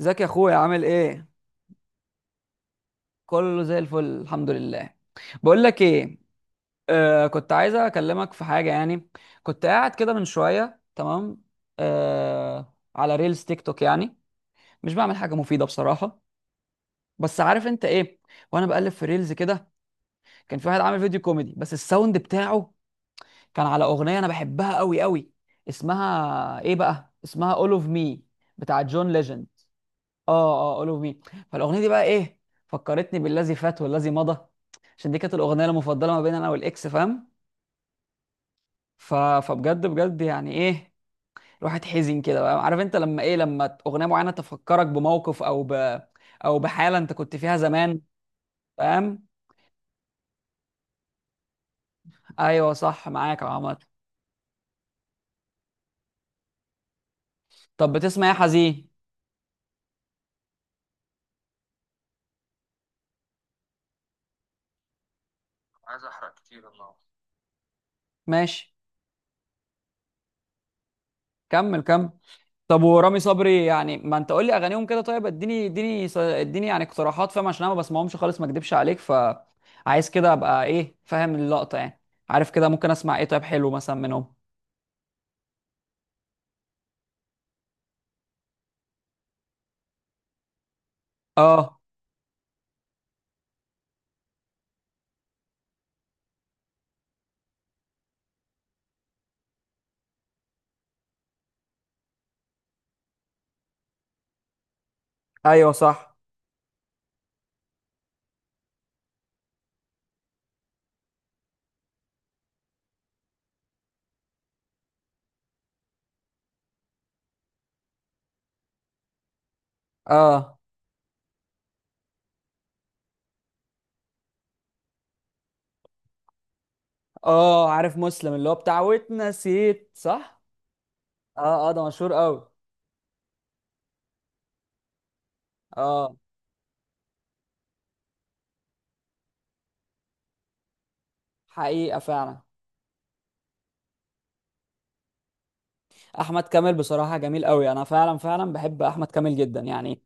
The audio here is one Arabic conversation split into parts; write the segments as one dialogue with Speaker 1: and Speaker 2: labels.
Speaker 1: ازيك يا اخويا؟ عامل ايه؟ كله زي الفل الحمد لله. بقول لك ايه، كنت عايز اكلمك في حاجه يعني. كنت قاعد كده من شويه، تمام، على ريلز تيك توك يعني. مش بعمل حاجه مفيده بصراحه، بس عارف انت ايه. وانا بقلب في ريلز كده، كان في واحد عامل فيديو كوميدي، بس الساوند بتاعه كان على اغنيه انا بحبها قوي قوي. اسمها ايه بقى؟ اسمها All of Me بتاع جون ليجند. اه، اه، اولو مي. فالاغنيه دي بقى ايه؟ فكرتني بالذي فات والذي مضى، عشان دي كانت الاغنيه المفضله ما بين انا والاكس، فاهم. فبجد بجد يعني ايه، الواحد حزين كده بقى، عارف انت لما ايه، لما اغنيه معينه تفكرك بموقف او بحاله انت كنت فيها زمان، فاهم. ايوه، صح معاك يا عمر. طب بتسمع ايه حزين؟ ماشي، كمل كمل. طب ورامي صبري يعني، ما انت قول لي اغانيهم كده. طيب اديني اديني، اديني يعني اقتراحات، فاهم، عشان انا ما بسمعهمش خالص ما اكدبش عليك، فعايز كده ابقى ايه، فاهم اللقطة يعني. عارف كده ممكن اسمع ايه طيب حلو مثلا منهم؟ اه، ايوه صح. اه، اه، عارف مسلم اللي هو بتاع واتنسيت صح. اه، اه، ده مشهور قوي. اه، حقيقة فعلا. احمد كامل بصراحة جميل قوي، انا فعلا فعلا بحب احمد كامل جدا يعني.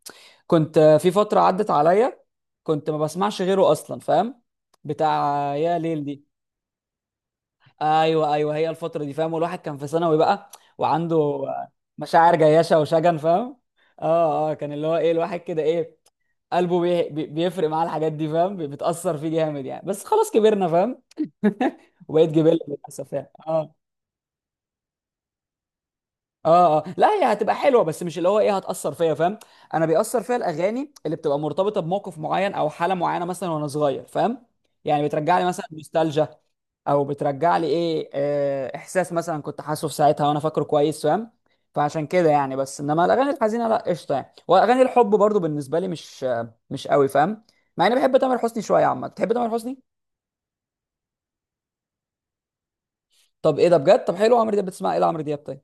Speaker 1: كنت في فترة عدت عليا، كنت ما بسمعش غيره أصلا، فاهم، بتاع. يا ليل دي، أيوه أيوه هي الفترة دي، فاهم، والواحد كان في ثانوي بقى وعنده مشاعر جياشة وشجن، فاهم. اه، اه، كان اللي هو ايه الواحد كده ايه، قلبه بيفرق معاه الحاجات دي، فاهم، بتأثر فيه جامد يعني، بس خلاص كبرنا، فاهم. وبقيت جبلة للأسف يعني. اه. اه، اه، لا هي هتبقى حلوه، بس مش اللي هو ايه هتاثر فيا، فاهم. انا بيأثر فيا الاغاني اللي بتبقى مرتبطه بموقف معين او حاله معينه مثلا وانا صغير، فاهم. يعني بترجع لي مثلا نوستالجيا، او بترجع لي ايه، احساس مثلا كنت حاسه في ساعتها وانا فاكره كويس، فاهم. فعشان كده يعني. بس انما الاغاني الحزينه لا قشطه يعني، واغاني الحب برضو بالنسبه لي مش مش قوي، فاهم. مع اني بحب تامر حسني شويه عامه. تحب تامر حسني؟ طب ايه ده بجد، طب حلو عمرو دياب، بتسمع ايه لعمرو دياب طيب؟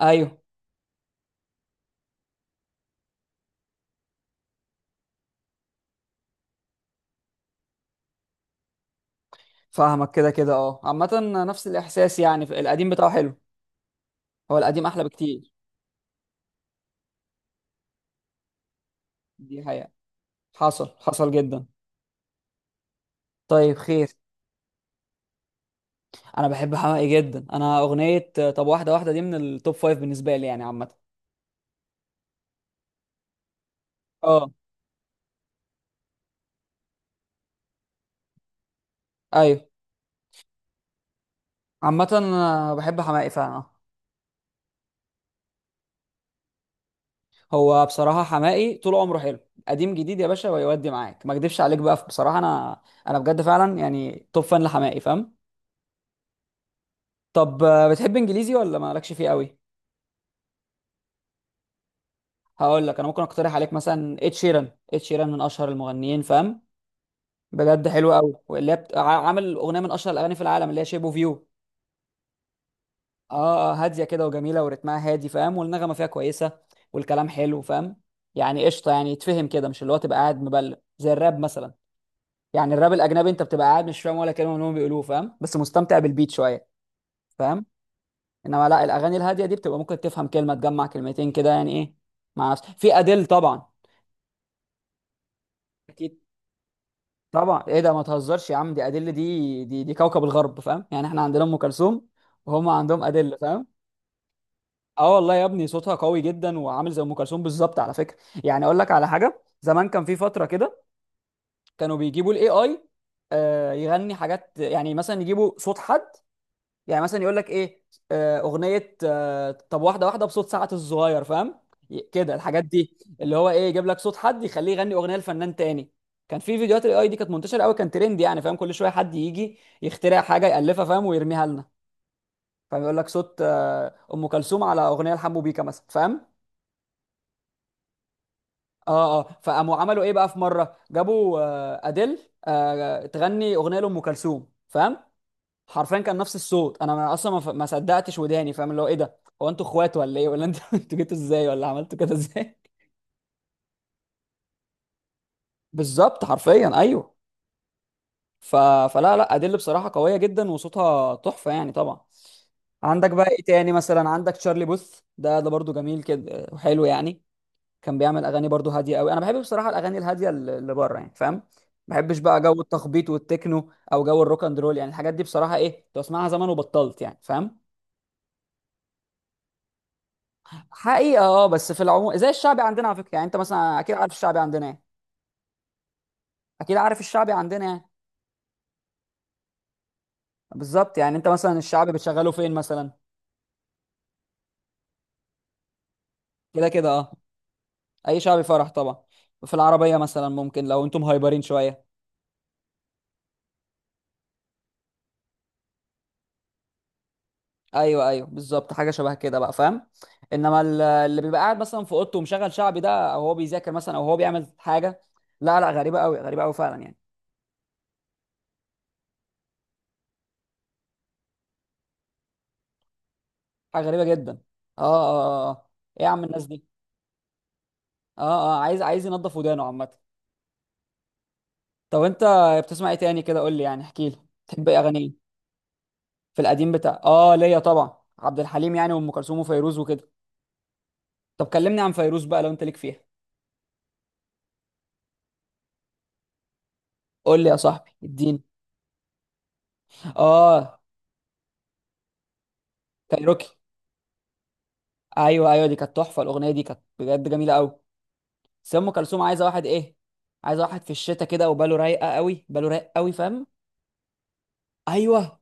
Speaker 1: ايوه، فاهمك كده كده، اه عامة. نفس الإحساس يعني، القديم بتاعه حلو، هو القديم أحلى بكتير. دي حقيقة، حصل حصل جدا. طيب خير. أنا بحب حماقي جدا، أنا أغنية طب واحدة واحدة دي من التوب فايف بالنسبة لي يعني عامة. اه، أيوه. عامة أنا بحب حماقي فعلا. هو بصراحة حماقي طول عمره حلو، قديم جديد، يا باشا ويودي معاك ما أكدبش عليك بقى بصراحة، أنا بجد فعلا يعني توب فان لحماقي، فاهم. طب بتحب إنجليزي ولا مالكش فيه قوي؟ هقول لك انا ممكن اقترح عليك مثلا ed شيران، ed شيران من اشهر المغنيين، فاهم. بجد حلو قوي، واللي هي بت... ع- عامل اغنيه من اشهر الاغاني في العالم اللي هي شيب اوف يو. اه، هاديه كده وجميله ورتمها هادي، فاهم، والنغمه فيها كويسه، والكلام حلو، فاهم. يعني قشطه يعني، يتفهم كده، مش اللي هو تبقى قاعد مبلم زي الراب مثلا. يعني الراب الاجنبي انت بتبقى قاعد مش فاهم ولا كلمه من اللي هم بيقولوه، فاهم، بس مستمتع بالبيت شويه. فاهم. انما لا، الاغاني الهاديه دي بتبقى ممكن تفهم كلمه تجمع كلمتين كده يعني ايه. مع نفسك في اديل طبعا. طبعا ايه ده ما تهزرش يا عم، دي ادله، دي كوكب الغرب، فاهم، يعني احنا عندنا ام كلثوم، وهم عندهم ادله، فاهم. اه والله يا ابني، صوتها قوي جدا وعامل زي ام كلثوم بالظبط على فكره. يعني اقول لك على حاجه، زمان كان في فتره كده كانوا بيجيبوا الاي اي يغني حاجات، يعني مثلا يجيبوا صوت حد، يعني مثلا يقول لك ايه، اغنيه طب واحده واحده بصوت سعد الصغير، فاهم. كده الحاجات دي، اللي هو ايه، يجيب لك صوت حد يخليه يغني اغنيه لفنان تاني. كان في فيديوهات الاي اي دي كانت منتشره قوي، كان ترند يعني، فاهم، كل شويه حد يجي يخترع حاجه يالفها، فاهم، ويرميها لنا. فاهم، يقول لك صوت ام كلثوم على اغنيه لحمو بيكا مثلا، فاهم. اه، اه، فقاموا عملوا ايه بقى، في مره جابوا اديل تغني اغنيه لام كلثوم، فاهم. حرفيا كان نفس الصوت، انا اصلا ما صدقتش وداني، فاهم، اللي هو ايه ده. هو انتوا اخوات ولا ايه، ولا انتوا انتوا جيتوا ازاي ولا عملتوا كده ازاي؟ بالظبط حرفيا، ايوه. ف... فلا لا، ادل بصراحه قويه جدا وصوتها تحفه يعني طبعا. عندك بقى ايه تاني مثلا، عندك تشارلي بوث، ده برضو جميل كده وحلو يعني. كان بيعمل اغاني برضو هاديه قوي، انا بحب بصراحه الاغاني الهاديه اللي بره يعني، فاهم. ما بحبش بقى جو التخبيط والتكنو او جو الروك اند رول، يعني الحاجات دي بصراحه ايه، كنت بسمعها زمان وبطلت يعني، فاهم. حقيقة اه، بس في العموم زي الشعبي عندنا على فكرة. يعني انت مثلا اكيد عارف الشعبي عندنا ايه. اكيد عارف الشعبي عندنا ايه؟ بالظبط، يعني انت مثلا الشعبي بتشغله فين مثلا؟ كده كده اه، اي شعبي فرح طبعا. في العربية مثلا ممكن لو انتم هايبرين شوية. ايوه ايوه، بالظبط حاجة شبه كده بقى، فاهم. انما اللي بيبقى قاعد مثلا في اوضته ومشغل شعبي ده، او هو بيذاكر مثلا، او هو بيعمل حاجة. لا لا، غريبة قوي غريبة قوي فعلا يعني. حاجة غريبة جدا. اه، اه، اه. ايه يا عم الناس دي، اه، اه، عايز عايز ينضف ودانه عامة. طب انت بتسمع ايه تاني كده؟ قول لي يعني احكي لي، تحب ايه اغاني ايه؟ في القديم بتاع اه ليا طبعا عبد الحليم، يعني وام كلثوم وفيروز وكده. طب كلمني عن فيروز بقى لو انت ليك فيها. قول لي يا صاحبي، اديني. اه، كايروكي، ايوه ايوه دي كانت تحفه، الاغنيه دي كانت بجد جميله قوي. بس ام كلثوم عايزه واحد ايه، عايزه واحد في الشتاء كده وباله رايقه قوي، باله رايق قوي، فاهم. ايوه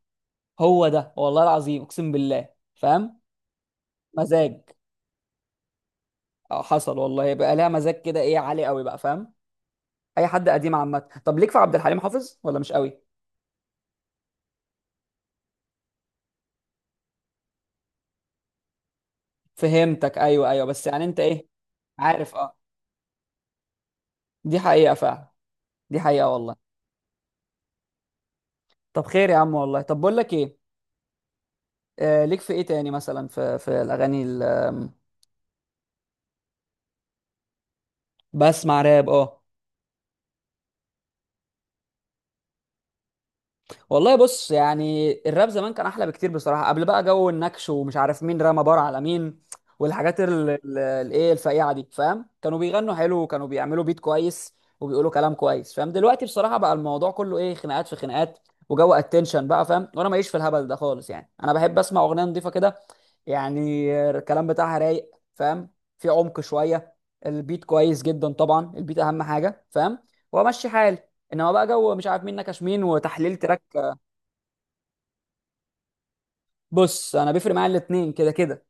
Speaker 1: هو ده، والله العظيم اقسم بالله، فاهم، مزاج. اه، حصل والله، بقى لها مزاج كده ايه عالي قوي بقى، فاهم. اي حد قديم عامه. طب ليك في عبد الحليم حافظ ولا مش قوي؟ فهمتك، ايوه ايوه، بس يعني انت ايه. عارف، اه، دي حقيقه فعلا، دي حقيقه والله. طب خير يا عم والله. طب بقول لك ايه. ليك في ايه تاني مثلا، في الاغاني ال- آم، بسمع راب، اه. والله بص، يعني الراب زمان كان احلى بكتير بصراحه، قبل بقى جو النكش ومش عارف مين رمى بار على مين، والحاجات الايه الفقيعه دي، فاهم، كانوا بيغنوا حلو وكانوا بيعملوا بيت كويس، وبيقولوا كلام كويس، فاهم. دلوقتي بصراحه بقى الموضوع كله ايه، خناقات في خناقات، وجو اتنشن بقى، فاهم، وانا ماليش في الهبل ده خالص يعني. انا بحب اسمع اغنيه نظيفه كده، يعني الكلام بتاعها رايق، فاهم، في عمق شويه، البيت كويس جدا طبعا، البيت اهم حاجه، فاهم، وامشي حالي. انما بقى جو مش عارف مين نكش مين وتحليل تراك. بص، انا بيفرق معايا الاتنين كده كده.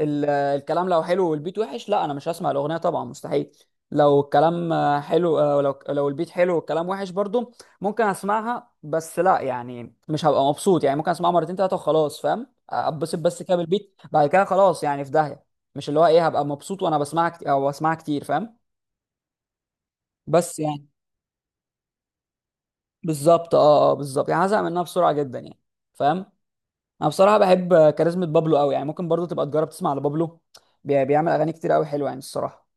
Speaker 1: الكلام لو حلو والبيت وحش، لا انا مش هسمع الاغنيه طبعا مستحيل. لو الكلام حلو، لو البيت حلو والكلام وحش برضو، ممكن اسمعها، بس لا يعني مش هبقى مبسوط يعني، ممكن اسمعها مرتين تلاته وخلاص، فاهم، اتبسط بس كده بالبيت، بعد كده خلاص يعني في داهيه. مش اللي هو ايه هبقى مبسوط وانا بسمعها كتير او بسمعها كتير، فاهم. بس يعني. بالظبط، اه، اه، بالظبط يعني هزهق منها بسرعه جدا يعني، فاهم. انا بصراحه بحب كاريزما بابلو قوي يعني، ممكن برضو تبقى تجرب تسمع لبابلو. بيعمل اغاني كتير قوي حلوه يعني الصراحه.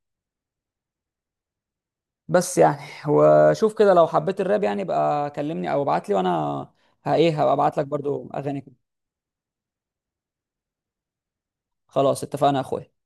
Speaker 1: بس يعني، وشوف كده لو حبيت الراب يعني يبقى كلمني او ابعت لي، وانا ه- ايه هبقى ابعت لك برضو اغاني كده. خلاص اتفقنا يا اخويا.